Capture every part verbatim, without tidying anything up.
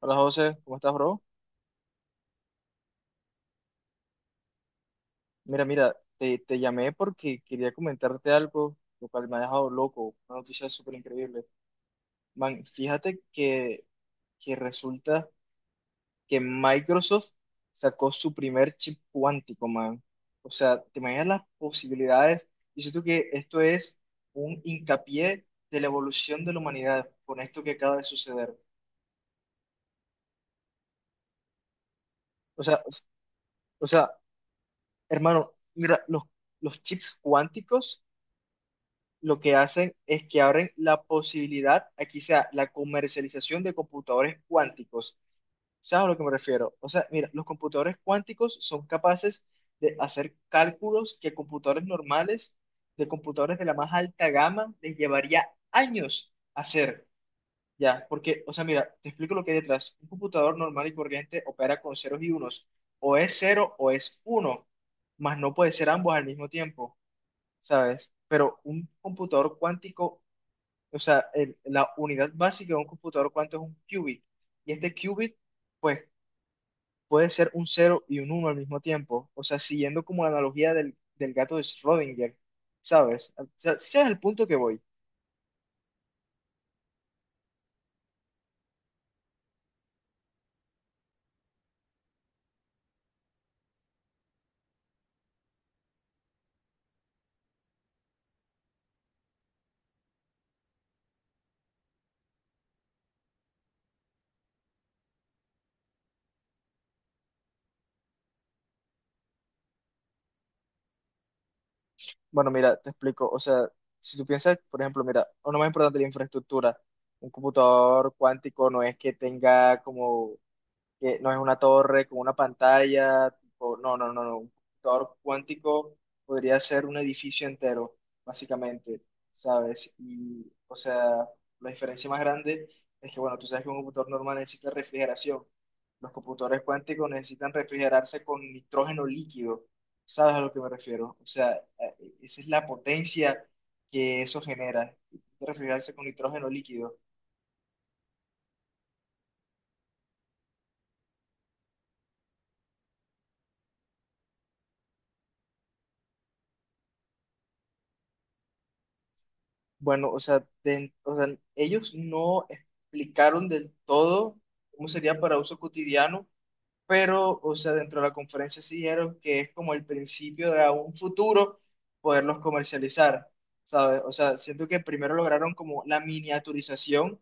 Hola José, ¿cómo estás, bro? Mira, mira, te, te llamé porque quería comentarte algo, lo cual me ha dejado loco, una noticia súper increíble. Man, fíjate que, que resulta que Microsoft sacó su primer chip cuántico, man. O sea, te imaginas las posibilidades. Y siento que esto es un hincapié de la evolución de la humanidad con esto que acaba de suceder. O sea, o sea, hermano, mira, los, los chips cuánticos lo que hacen es que abren la posibilidad aquí sea la comercialización de computadores cuánticos. ¿Sabes a lo que me refiero? O sea, mira, los computadores cuánticos son capaces de hacer cálculos que computadores normales, de computadores de la más alta gama, les llevaría años hacer. Ya, porque, o sea, mira, te explico lo que hay detrás. Un computador normal y corriente opera con ceros y unos. O es cero o es uno, mas no puede ser ambos al mismo tiempo, ¿sabes? Pero un computador cuántico o sea, el- la unidad básica de un computador cuánto es un qubit. Y este qubit, pues, puede ser un cero y un uno al mismo tiempo. O sea, siguiendo como la analogía del, del gato de Schrödinger, ¿sabes? O sea, ese es el punto que voy. Bueno, mira, te explico. O sea, si tú piensas, por ejemplo, mira, lo más importante, la infraestructura. Un computador cuántico no es que tenga como que no es una torre con una pantalla, tipo, no, no, no, no, un computador cuántico podría ser un edificio entero, básicamente, ¿sabes? Y, o sea, la diferencia más grande es que, bueno, tú sabes que un computador normal necesita refrigeración. Los computadores cuánticos necesitan refrigerarse con nitrógeno líquido, ¿sabes a lo que me refiero? O sea, eh, esa es la potencia que eso genera, refrigerarse con nitrógeno líquido. Bueno, o sea, de- o sea, ellos no explicaron del todo cómo sería para uso cotidiano, pero, o sea, dentro de la conferencia sí dijeron que es como el principio de a un futuro poderlos comercializar, ¿sabes? O sea, siento que primero lograron como la miniaturización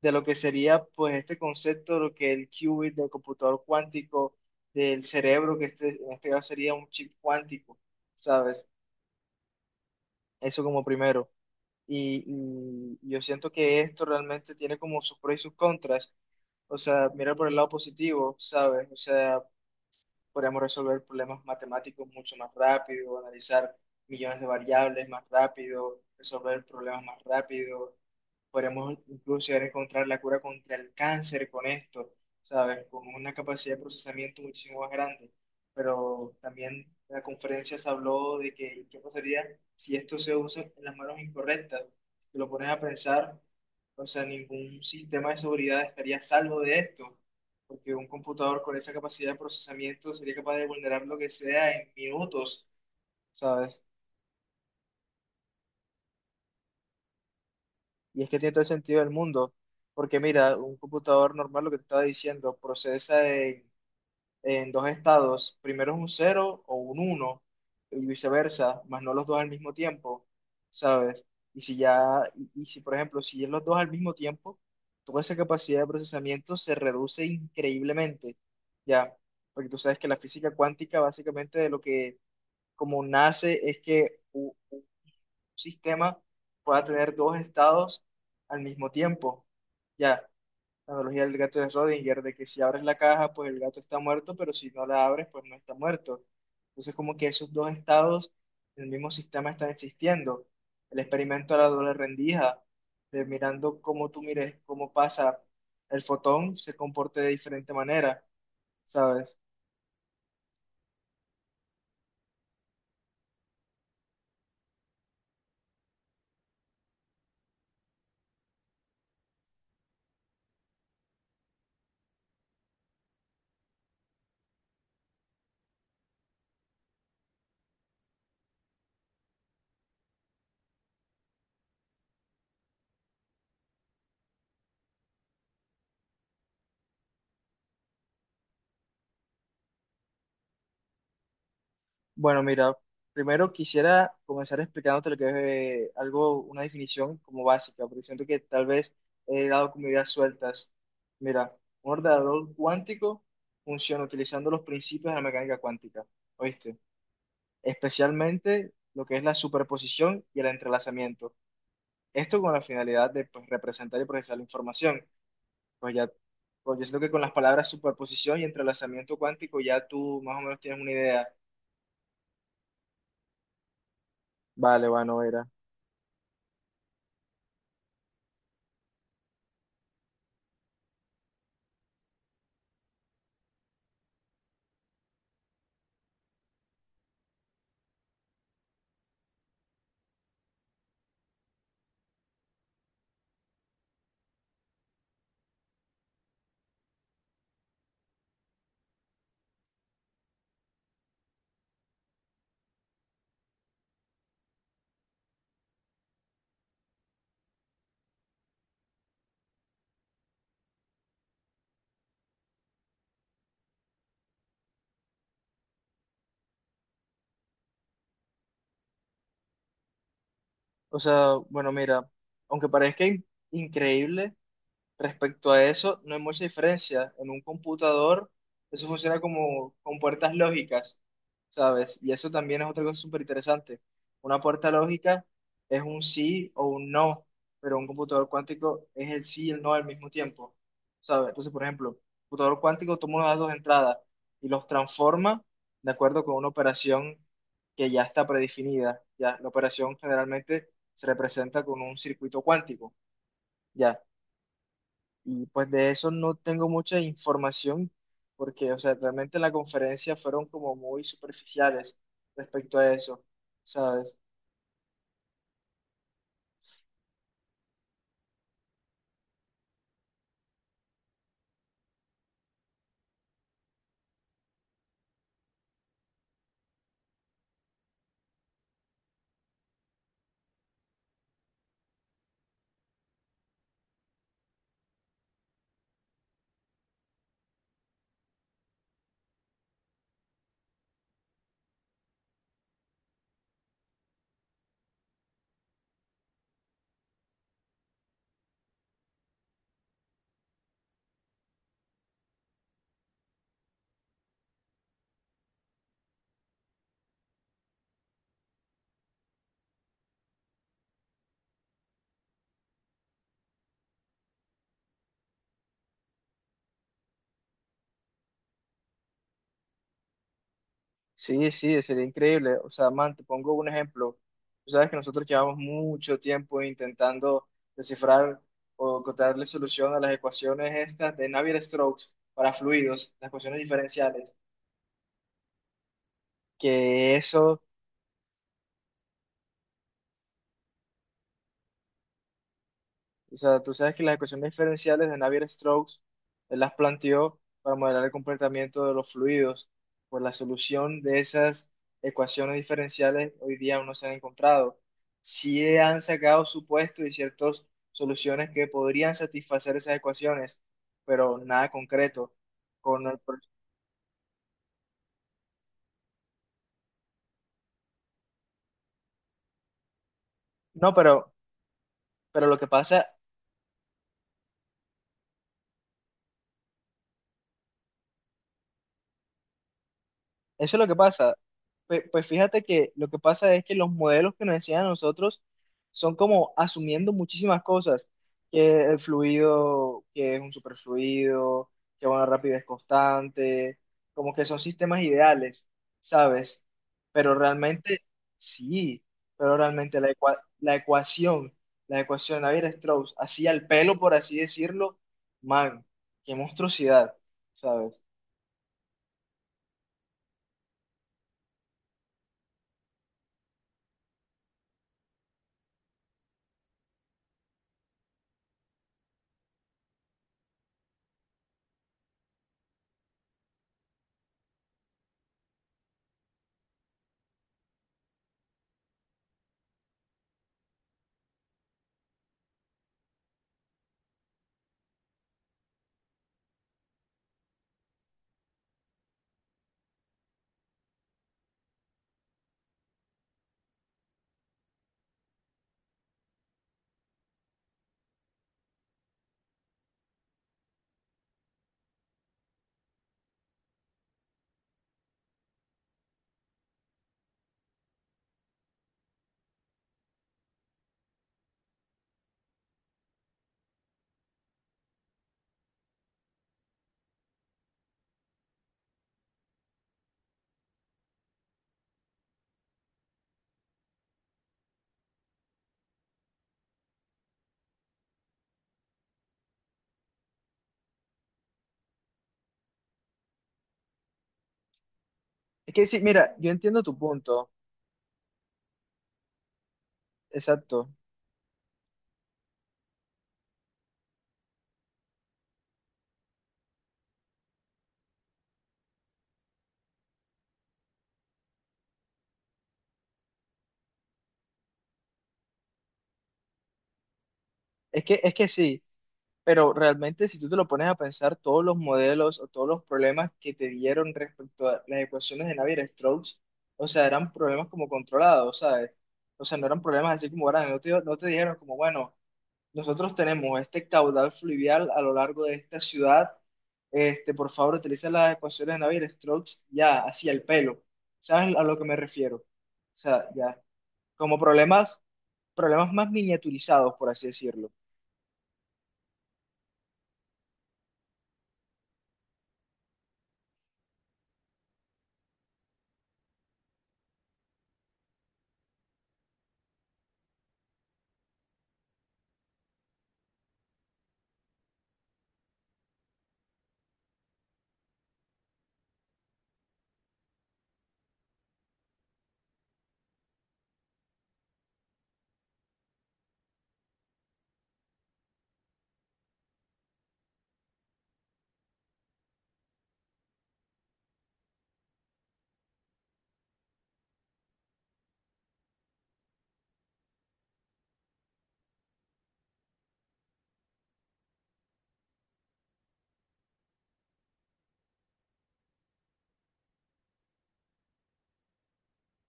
de lo que sería, pues, este concepto de lo que el qubit del computador cuántico, del cerebro, que este, en este caso sería un chip cuántico, ¿sabes? Eso como primero. Y, y y yo siento que esto realmente tiene como sus pros y sus contras. O sea, mira por el lado positivo, ¿sabes? O sea, podemos resolver problemas matemáticos mucho más rápido, analizar millones de variables más rápido, resolver problemas más rápido. Podríamos incluso llegar a encontrar la cura contra el cáncer con esto, ¿sabes? Con una capacidad de procesamiento muchísimo más grande. Pero también en la conferencia se habló de que qué pasaría si esto se usa en las manos incorrectas. Si te lo pones a pensar, o sea, ningún sistema de seguridad estaría a salvo de esto, porque un computador con esa capacidad de procesamiento sería capaz de vulnerar lo que sea en minutos, ¿sabes? Y es que tiene todo el sentido del mundo, porque mira, un computador normal, lo que te estaba diciendo, procesa en, en dos estados, primero es un cero o un uno, y viceversa, más no los dos al mismo tiempo, ¿sabes? Y si ya, y, y si por ejemplo, si es los dos al mismo tiempo, toda esa capacidad de procesamiento se reduce increíblemente, ¿ya? Porque tú sabes que la física cuántica básicamente de lo que como nace es que sistema pueda tener dos estados al mismo tiempo. Ya, la analogía del gato de Schrödinger, de que si abres la caja, pues el gato está muerto, pero si no la abres, pues no está muerto. Entonces, como que esos dos estados en el mismo sistema están existiendo. El experimento de la doble rendija, de mirando cómo tú mires, cómo pasa el fotón, se comporte de diferente manera, ¿sabes? Bueno, mira, primero quisiera comenzar explicándote lo que es eh, algo, una definición como básica, porque siento que tal vez he dado como ideas sueltas. Mira, un ordenador cuántico funciona utilizando los principios de la mecánica cuántica, ¿oíste? Especialmente lo que es la superposición y el entrelazamiento. Esto con la finalidad de pues, representar y procesar la información. Pues ya, pues yo siento que con las palabras superposición y entrelazamiento cuántico ya tú más o menos tienes una idea. Vale, bueno, mira. O sea, bueno, mira, aunque parezca in- increíble. Respecto a eso, no hay mucha diferencia. En un computador, eso funciona como con puertas lógicas, ¿sabes? Y eso también es otra cosa súper interesante. Una puerta lógica es un sí o un no, pero un computador cuántico es el sí y el no al mismo tiempo, ¿sabes? Entonces, por ejemplo, un computador cuántico toma unos datos de entrada y los transforma de acuerdo con una operación que ya está predefinida. Ya, la operación generalmente se representa con un circuito cuántico. Ya. Y pues de eso no tengo mucha información porque, o sea, realmente en la conferencia fueron como muy superficiales respecto a eso, ¿sabes? Sí, sí, sería increíble. O sea, man, te pongo un ejemplo. Tú sabes que nosotros llevamos mucho tiempo intentando descifrar o encontrarle solución a las ecuaciones estas de Navier-Stokes para fluidos, las ecuaciones diferenciales, que eso. O sea, tú sabes que las ecuaciones diferenciales de Navier-Stokes, él las planteó para modelar el comportamiento de los fluidos. Por la solución de esas ecuaciones diferenciales, hoy día aún no se han encontrado. Sí han sacado supuestos y ciertas soluciones que podrían satisfacer esas ecuaciones, pero nada concreto. Con el pro- no, pero, pero lo que pasa. Eso es lo que pasa. Pe- Pues, fíjate que lo que pasa es que los modelos que nos enseñan a nosotros son como asumiendo muchísimas cosas, que el fluido, que es un superfluido, que una rapidez constante, como que son sistemas ideales, ¿sabes? Pero realmente, sí, pero realmente la, ecua- la ecuación, la ecuación de Navier-Strauss, así al pelo, por así decirlo, man, qué monstruosidad, ¿sabes? Es que sí, mira, yo entiendo tu punto. Exacto. Es que, es que sí, pero realmente si tú te lo pones a pensar, todos los modelos o todos los problemas que te dieron respecto a las ecuaciones de Navier-Stokes, o sea, eran problemas como controlados, ¿sabes? O sea, no eran problemas así como grandes, no te, no te dijeron como, bueno, nosotros tenemos este caudal fluvial a lo largo de esta ciudad, este, por favor, utiliza las ecuaciones de Navier-Stokes ya, así al pelo. ¿Sabes a lo que me refiero? O sea, ya, como problemas, problemas más miniaturizados, por así decirlo.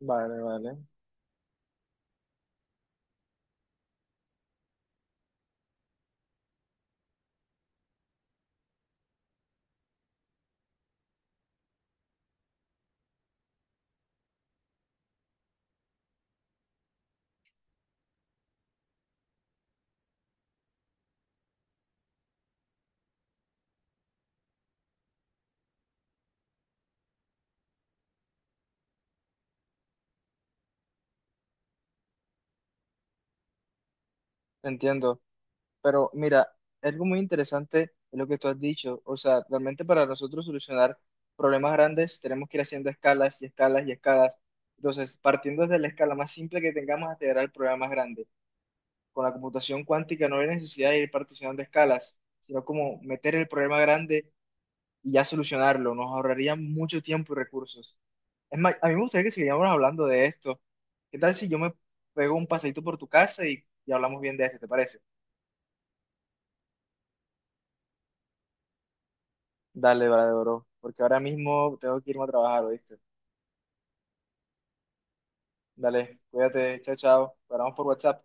Vale, vale, entiendo. Pero mira, algo muy interesante es lo que tú has dicho. O sea, realmente para nosotros solucionar problemas grandes tenemos que ir haciendo escalas y escalas y escalas. Entonces, partiendo desde la escala más simple que tengamos hasta llegar al problema más grande. Con la computación cuántica no hay necesidad de ir particionando escalas, sino como meter el problema grande y ya solucionarlo. Nos ahorraría mucho tiempo y recursos. Es más, a mí me gustaría que siguiéramos hablando de esto. ¿Qué tal si yo me pego un paseíto por tu casa y, y hablamos bien de esto? ¿Te parece? Dale, vale, bro, porque ahora mismo tengo que irme a trabajar, ¿oíste? Dale, cuídate, chao, chao. Paramos por WhatsApp.